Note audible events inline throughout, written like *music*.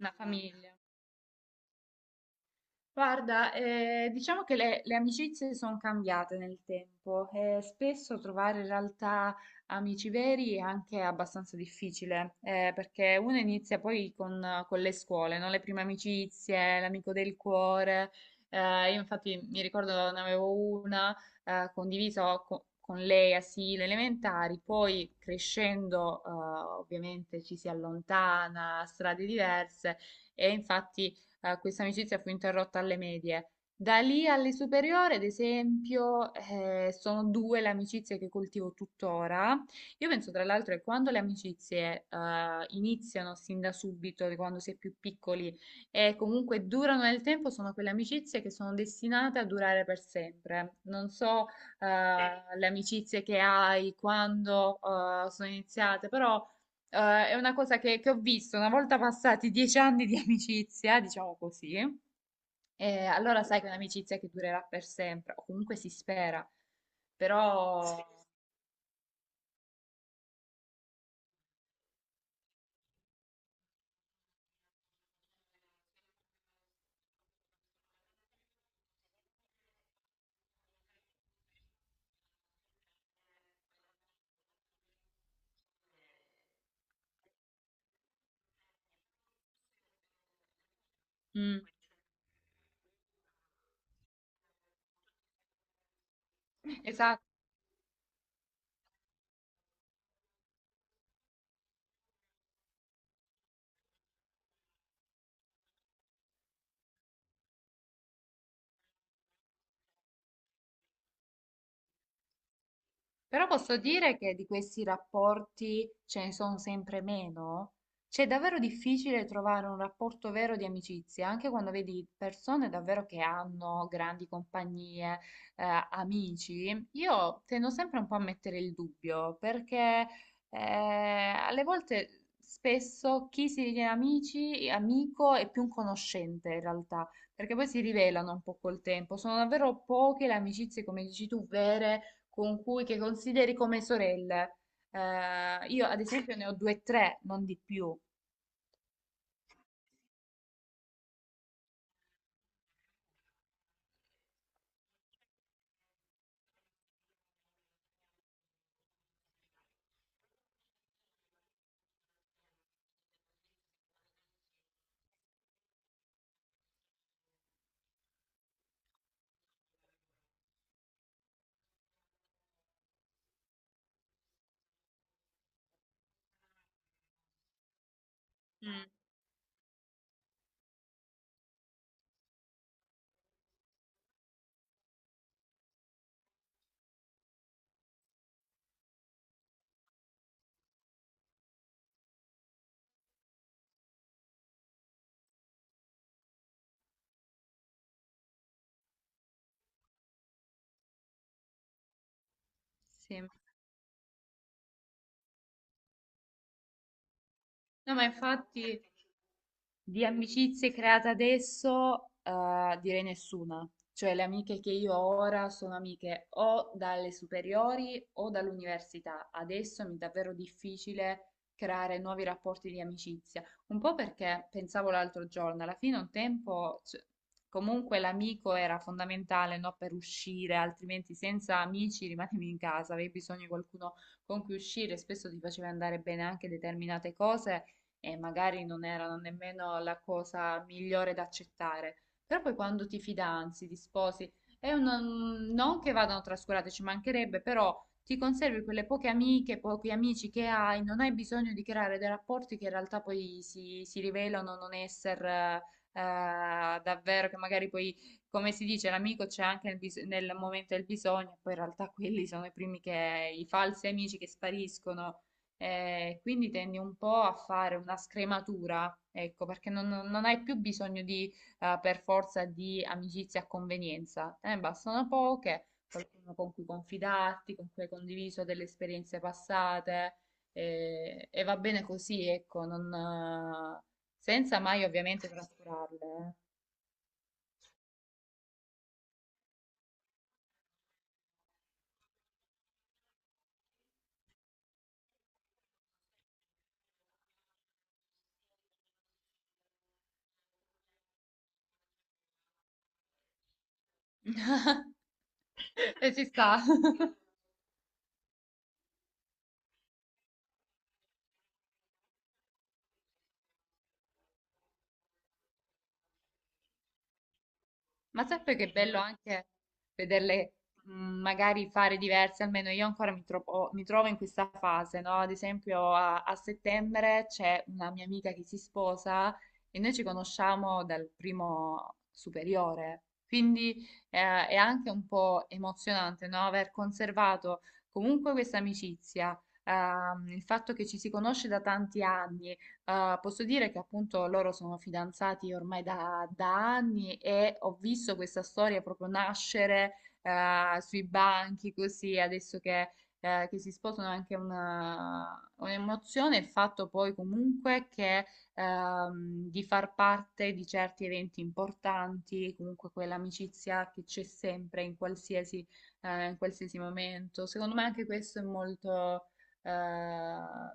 Una famiglia. Guarda, diciamo che le amicizie sono cambiate nel tempo e spesso trovare in realtà amici veri è anche abbastanza difficile, perché uno inizia poi con le scuole, no? Le prime amicizie, l'amico del cuore. Io infatti mi ricordo ne avevo una condivisa con lei a sì, le elementari, poi crescendo ovviamente ci si allontana, strade diverse. E infatti questa amicizia fu interrotta alle medie. Da lì alle superiori, ad esempio, sono due le amicizie che coltivo tuttora. Io penso tra l'altro che quando le amicizie iniziano sin da subito, di quando si è più piccoli e comunque durano nel tempo, sono quelle amicizie che sono destinate a durare per sempre. Non so le amicizie che hai quando sono iniziate, però è una cosa che ho visto una volta passati 10 anni di *laughs* amicizia, diciamo così, e allora sai che è un'amicizia che durerà per sempre, o comunque si spera, però. Mm, esatto. Però posso dire che di questi rapporti ce ne sono sempre meno. C'è davvero difficile trovare un rapporto vero di amicizia, anche quando vedi persone davvero che hanno grandi compagnie, amici. Io tendo sempre un po' a mettere il dubbio, perché alle volte spesso chi si ritiene amici, amico è più un conoscente in realtà, perché poi si rivelano un po' col tempo. Sono davvero poche le amicizie, come dici tu, vere con cui, che consideri come sorelle. Io ad esempio ne ho due o tre, non di più. Sì. No, ma infatti di amicizie create adesso, direi nessuna. Cioè, le amiche che io ho ora sono amiche o dalle superiori o dall'università. Adesso mi è davvero difficile creare nuovi rapporti di amicizia. Un po' perché pensavo l'altro giorno, alla fine un tempo, cioè, comunque l'amico era fondamentale, no, per uscire, altrimenti senza amici rimanevi in casa, avevi bisogno di qualcuno con cui uscire, spesso ti faceva andare bene anche determinate cose e magari non erano nemmeno la cosa migliore da accettare. Però poi quando ti fidanzi, ti sposi, non che vadano trascurate, ci mancherebbe, però ti conservi quelle poche amiche, pochi amici che hai, non hai bisogno di creare dei rapporti che in realtà poi si rivelano non essere davvero, che magari poi, come si dice, l'amico c'è anche nel, nel momento del bisogno, poi in realtà quelli sono i primi che, i falsi amici che spariscono. Quindi tendi un po' a fare una scrematura, ecco, perché non, non hai più bisogno di, per forza, di amicizie a convenienza, te ne bastano poche, qualcuno con cui confidarti, con cui hai condiviso delle esperienze passate, e va bene così, ecco, non, senza mai ovviamente trascurarle. Eh. *laughs* E ci sta. *laughs* Ma sai poi che bello anche vederle, mh, magari fare diverse, almeno io ancora mi trovo in questa fase, no? Ad esempio a settembre c'è una mia amica che si sposa e noi ci conosciamo dal primo superiore, quindi è anche un po' emozionante, no? Aver conservato comunque questa amicizia, il fatto che ci si conosce da tanti anni. Posso dire che appunto loro sono fidanzati ormai da anni e ho visto questa storia proprio nascere sui banchi così. Adesso che si sposano è anche una, un'emozione. Il fatto poi comunque che di far parte di certi eventi importanti, comunque quell'amicizia che c'è sempre in qualsiasi momento. Secondo me anche questo è molto. Ehm,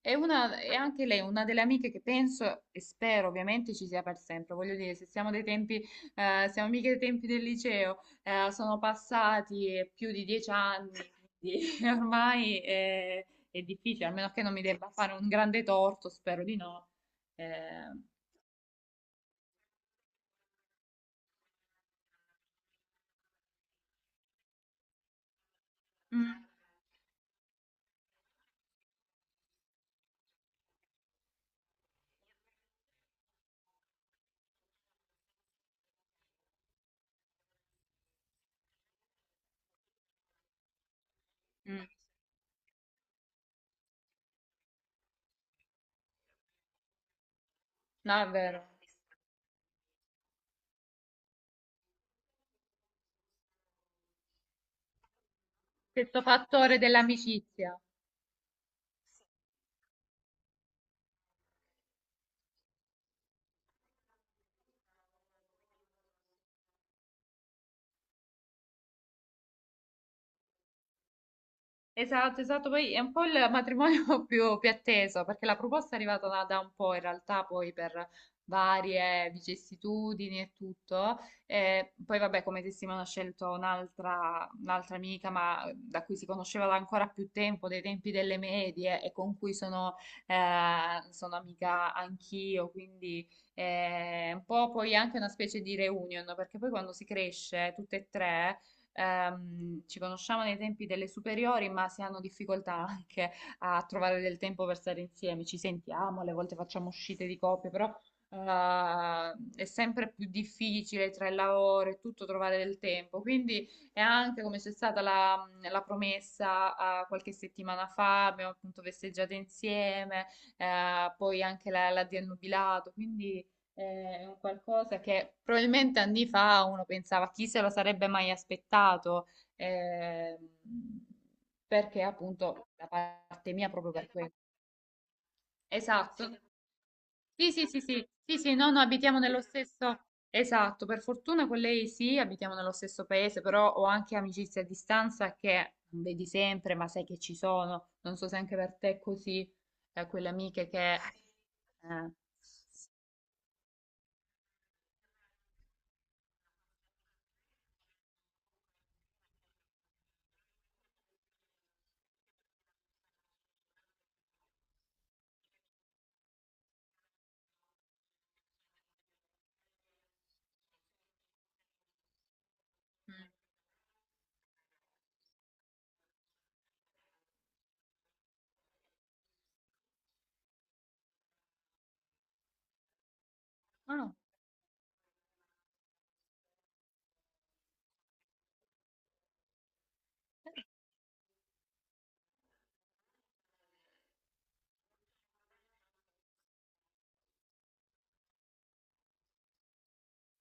è una, è anche lei una delle amiche che penso e spero ovviamente ci sia per sempre. Voglio dire, se siamo dei tempi, siamo mica dei tempi del liceo, sono passati più di 10 anni, quindi *laughs* ormai è difficile, almeno che non mi debba fare un grande torto, spero di no. Eh. Mm, mm. No, è vero. Questo fattore dell'amicizia. Esatto, esatto, poi è un po' il matrimonio *laughs* più atteso, perché la proposta è arrivata da un po' in realtà, poi per varie vicissitudini e tutto. Poi vabbè, come testimone ho scelto un'altra amica, ma da cui si conosceva da ancora più tempo, dei tempi delle medie, e con cui sono, sono amica anch'io, quindi un po' poi anche una specie di reunion, perché poi quando si cresce tutte e tre ci conosciamo nei tempi delle superiori, ma si hanno difficoltà anche a trovare del tempo per stare insieme. Ci sentiamo, alle volte facciamo uscite di coppia, però eh, è sempre più difficile tra il lavoro e tutto trovare del tempo. Quindi è anche come c'è stata la promessa, qualche settimana fa, abbiamo appunto festeggiato insieme, poi anche la di annubilato, quindi è un qualcosa che probabilmente anni fa uno pensava chi se lo sarebbe mai aspettato, ehm, perché appunto da parte mia proprio per questo. Esatto. Sì, sì, sì, sì, sì, sì, no, no, abitiamo nello stesso. Esatto, per fortuna con lei sì, abitiamo nello stesso paese, però ho anche amicizie a distanza che non vedi sempre, ma sai che ci sono. Non so se anche per te è così, quelle amiche che, mm, no, no.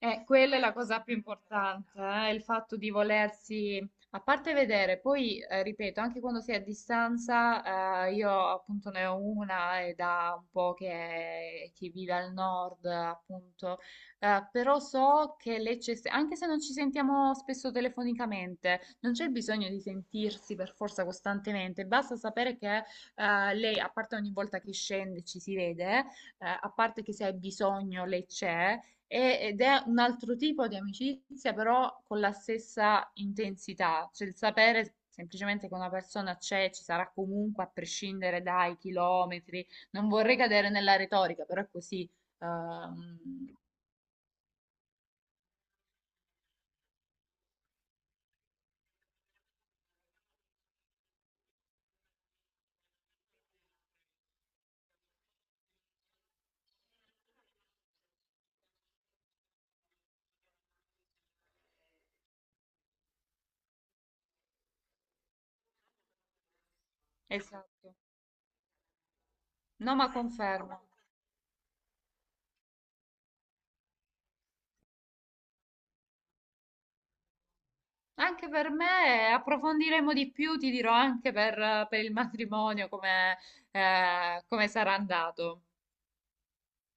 Quella è la cosa più importante, il fatto di volersi, a parte vedere, poi ripeto, anche quando si è a distanza, io appunto ne ho una e da un po' che vive al nord, appunto, però so che lei c'è, anche se non ci sentiamo spesso telefonicamente, non c'è bisogno di sentirsi per forza costantemente, basta sapere che lei, a parte ogni volta che scende ci si vede, a parte che se hai bisogno lei c'è. Ed è un altro tipo di amicizia, però con la stessa intensità, cioè il sapere semplicemente che una persona c'è, ci sarà comunque a prescindere dai chilometri. Non vorrei cadere nella retorica, però è così. ehm, esatto. No, ma confermo. Anche per me, approfondiremo di più, ti dirò anche per il matrimonio come, come sarà andato.